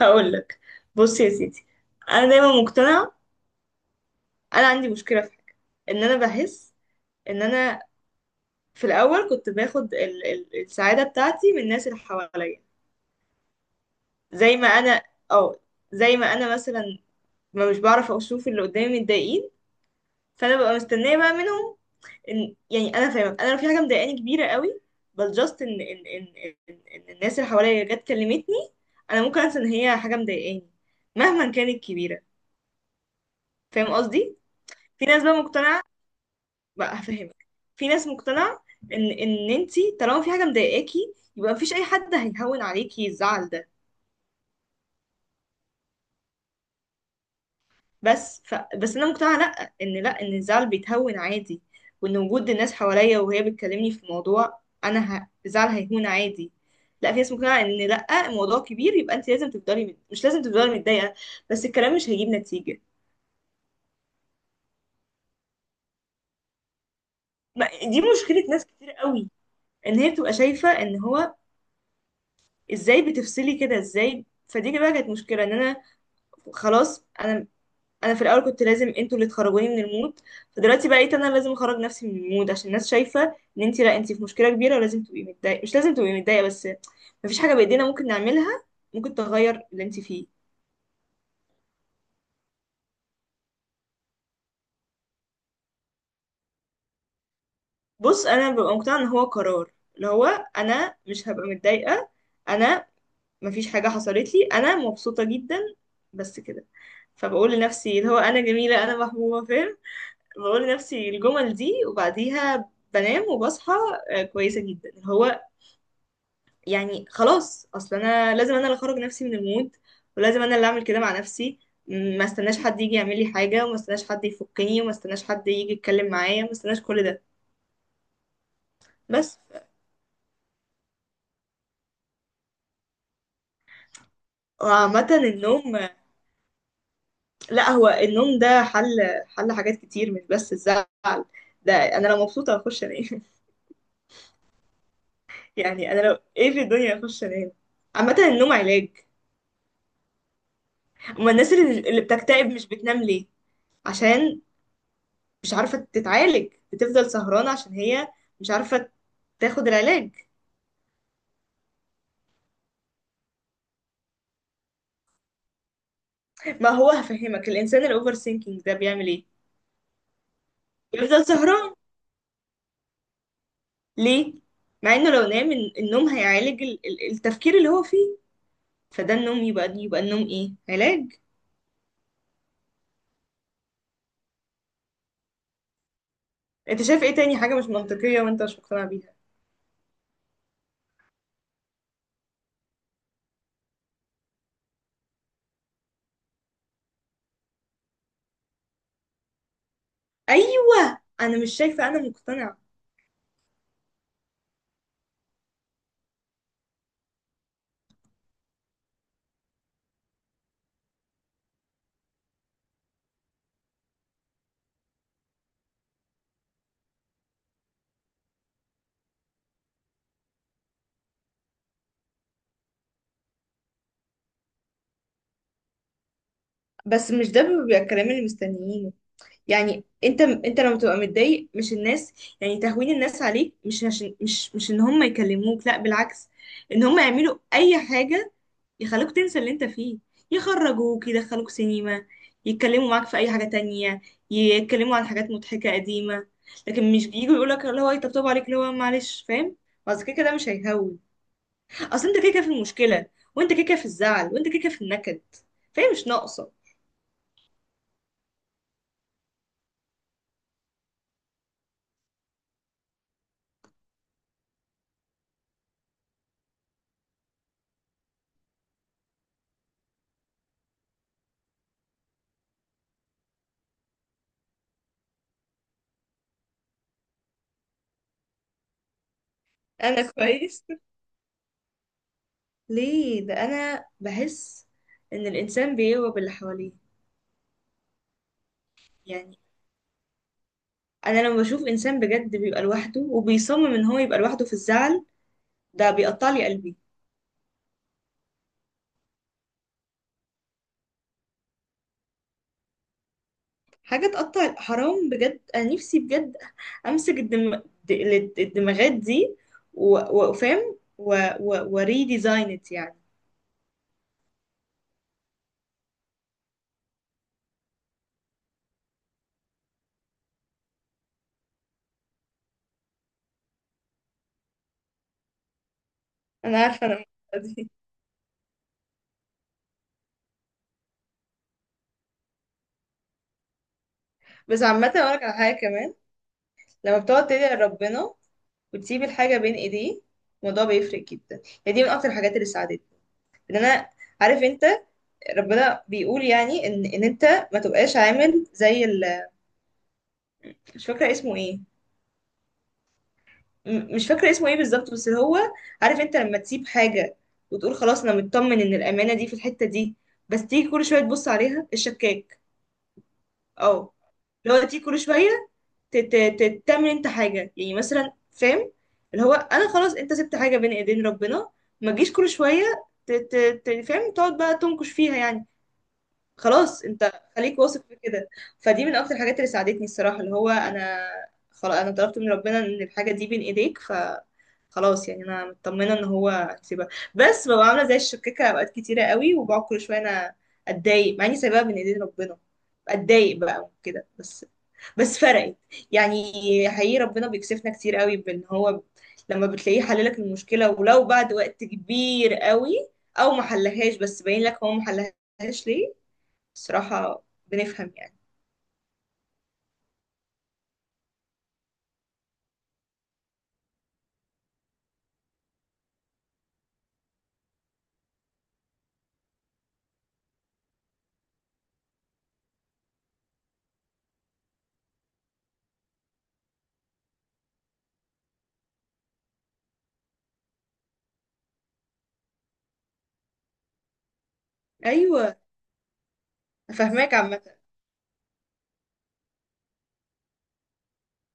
هقول لك. بص يا سيدي، انا دايما مقتنعه، انا عندي مشكله في حاجه، ان انا بحس ان انا في الاول كنت باخد ال السعاده بتاعتي من الناس اللي حواليا، زي ما انا، اه زي ما انا مثلا، ما مش بعرف اشوف اللي قدامي متضايقين، فانا ببقى مستنيه بقى منهم، إن انا فاهمه، انا لو في حاجه مضايقاني كبيره قوي، بل جاست ان ان ان ان إن الناس اللي حواليا جت كلمتني، انا ممكن انسى ان هي حاجه مضايقاني مهما كانت كبيره. فاهم قصدي؟ في ناس بقى مقتنعه، بقى هفهمك. في ناس مقتنعة ان انتي طالما في حاجة مضايقاكي يبقى مفيش اي حد هيهون عليكي الزعل ده، بس انا مقتنعة لا، ان الزعل بيتهون عادي، وان وجود الناس حواليا وهي بتكلمني في موضوع انا، الزعل هيهون عادي. لا، في ناس مقتنعة ان لا، الموضوع كبير يبقى انت لازم تفضلي مش لازم تفضلي متضايقة، بس الكلام مش هيجيب نتيجة. ما... دي مشكلة ناس كتير قوي. ان هي بتبقى شايفة ان هو، ازاي بتفصلي كده؟ ازاي؟ فدي بقى كانت مشكلة، ان انا خلاص انا، في الاول كنت لازم انتوا اللي تخرجوني من المود، فدلوقتي بقيت انا لازم اخرج نفسي من المود، عشان الناس شايفه ان انت، لا انت في مشكله كبيره ولازم تبقي متضايقه، مش لازم تبقي متضايقه بس، مفيش حاجه بايدينا ممكن نعملها، ممكن تغير اللي انت فيه. بص، انا ببقى مقتنعه ان هو قرار، اللي هو انا مش هبقى متضايقه، انا مفيش حاجه حصلت لي، انا مبسوطه جدا، بس كده. فبقول لنفسي اللي هو انا جميله، انا محبوبه، فاهم؟ بقول لنفسي الجمل دي وبعديها بنام وبصحى. كويسة جدا. هو يعني خلاص، اصل انا لازم انا اللي اخرج نفسي من المود، ولازم انا اللي اعمل كده مع نفسي. ما استناش حد يجي يعمل لي حاجة، وما استناش حد يفكني، وما استناش حد يجي يتكلم معايا، وما استناش كل ده، بس. وعامة النوم. لا، هو النوم ده حل، حل حاجات كتير مش بس الزعل، ده انا لو مبسوطة هخش انام يعني انا لو ايه في الدنيا هخش انام. عامة النوم علاج. اما الناس اللي بتكتئب مش بتنام ليه؟ عشان مش عارفة تتعالج، بتفضل سهرانة عشان هي مش عارفة تاخد العلاج. ما هو هفهمك، الإنسان الأوفر سينكينج ده بيعمل إيه؟ بيفضل سهران ليه؟ مع إنه لو نام النوم هيعالج التفكير اللي هو فيه، فده النوم يبقى النوم إيه؟ علاج. أنت شايف إيه تاني حاجة مش منطقية وأنت مش مقتنع بيها؟ أيوة، أنا مش شايفة، أنا مقتنعة. بس مش ده بيبقى الكلام اللي مستنيينه، يعني انت لما تبقى متضايق مش الناس، يعني تهوين الناس عليك، مش عشان مش ان هم يكلموك، لا بالعكس، ان هم يعملوا اي حاجة يخلوك تنسى اللي انت فيه، يخرجوك يدخلوك سينما، يتكلموا معاك في اي حاجة تانية، يتكلموا عن حاجات مضحكة قديمة، لكن مش بييجوا يقولك اللي هو يطبطبوا عليك اللي هو معلش، فاهم؟ اصل كده كده مش هيهون، اصل انت كده كده في المشكلة، وانت كده كده في الزعل، وانت كده كده في النكد، فاهم؟ مش ناقصة. انا كويس. ليه؟ ده انا بحس ان الانسان بيغرب اللي حواليه، يعني انا لما بشوف انسان بجد بيبقى لوحده وبيصمم ان هو يبقى لوحده في الزعل، ده بيقطع لي قلبي. حاجه تقطع، حرام بجد، انا نفسي بجد امسك الدماغات دي وافهم وريديزاين ات يعني. انا عارفه انا المشكلة دي. بس عامه اقول لك على حاجه كمان. لما بتقعد تدعي لربنا وتسيب الحاجه بين ايديه، الموضوع بيفرق جدا، يعني دي من اكتر الحاجات اللي ساعدتني، ان انا، عارف انت، ربنا بيقول يعني ان انت ما تبقاش عامل زي مش فاكره اسمه ايه، مش فاكره اسمه ايه بالظبط، بس اللي هو عارف انت، لما تسيب حاجه وتقول خلاص انا مطمن ان الامانه دي في الحته دي، بس تيجي كل شويه تبص عليها، الشكاك. اه، اللي هو تيجي كل شويه ت- ت- تعمل انت حاجه يعني، مثلا فاهم، اللي هو انا خلاص، انت سبت حاجه بين ايدين ربنا، ما تجيش كل شويه فاهم تقعد بقى تنكش فيها يعني. خلاص انت خليك واثق في كده. فدي من اكتر الحاجات اللي ساعدتني الصراحه، اللي هو انا خلاص، انا طلبت من ربنا ان الحاجه دي بين ايديك، فخلاص يعني انا مطمنه ان هو هيسيبها، بس ببقى عامله زي الشكاكه اوقات كتيره قوي، وبقعد كل شويه انا اتضايق مع اني سايباها بين ايدين ربنا، اتضايق بقى وكده بس، بس فرقت يعني. حقيقي ربنا بيكسفنا كتير قوي، بان هو لما بتلاقيه حللك المشكله ولو بعد وقت كبير قوي، او ما حلهاش بس باين لك هو ما حلهاش ليه، الصراحة بنفهم يعني. أيوة. فاهماك عامة.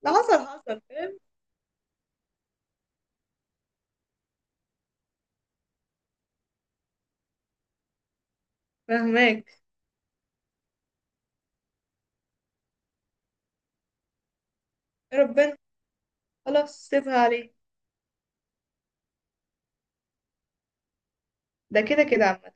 لا، حصل حصل فاهم. فاهماك. ربنا. خلاص سيبها عليه، ده كده كده عامة.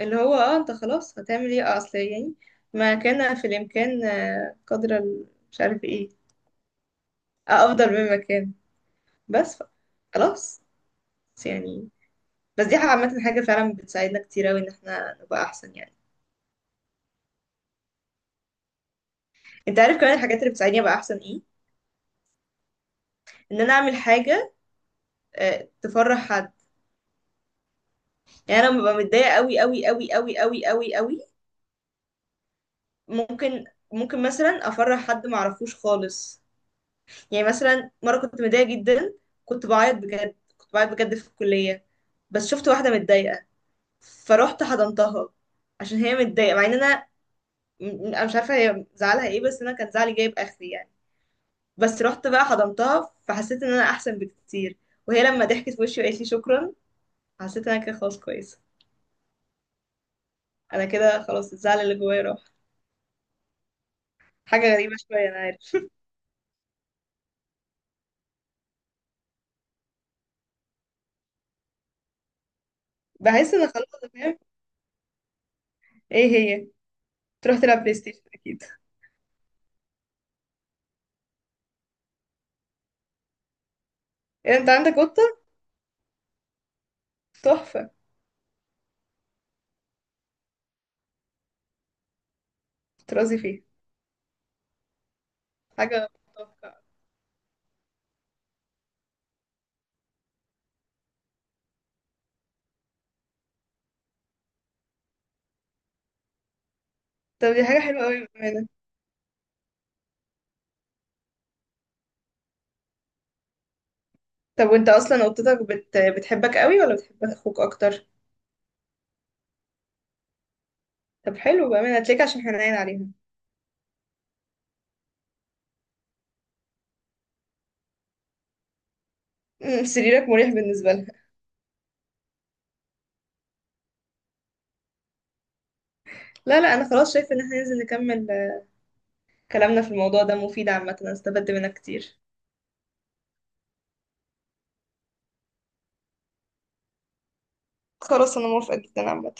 اللي هو، اه، انت خلاص هتعمل ايه؟ اصل يعني، ما كان في الإمكان، قدر مش عارف ايه، أفضل مما كان، بس ف- خلاص. بس يعني، بس دي حاجة عامة، حاجة فعلا بتساعدنا كتير أوي إن احنا نبقى أحسن يعني. انت عارف كمان الحاجات اللي بتساعدني أبقى أحسن ايه؟ إن أنا أعمل حاجة تفرح حد. يعني انا ببقى متضايقه قوي قوي قوي قوي قوي قوي قوي، ممكن ممكن مثلا افرح حد ما اعرفوش خالص. يعني مثلا مره كنت متضايقه جدا، كنت بعيط بجد، كنت بعيط بجد في الكليه، بس شفت واحده متضايقه، فروحت حضنتها عشان هي متضايقه، مع ان انا، انا مش عارفه هي زعلها ايه، بس انا كان زعلي جايب اخري يعني، بس رحت بقى حضنتها، فحسيت ان انا احسن بكتير. وهي لما ضحكت في وشي وقالت لي شكرا، حسيت ان انا كده خلاص كويسه، انا كده خلاص الزعل اللي جوايا راح. حاجه غريبه شويه، انا عارف بحس ان خلاص أنا فاهم. ايه هي؟ تروح تلعب بلاي ستيشن اكيد. إيه، انت عندك قطة؟ تحفة. ترازي فيها. حاجة تحفة. طب دي حاجة حلوة قوي بأمانة. طب وانت اصلا قطتك بتحبك قوي ولا بتحب اخوك اكتر؟ طب حلو بأمانة، هتلاقيك عشان حنين عليها. سريرك مريح بالنسبة لها. لا لا، انا خلاص شايفة ان احنا ننزل نكمل كلامنا. في الموضوع ده مفيد عامة، انا استفدت منك كتير. خلاص انا موافقة جدا عامة.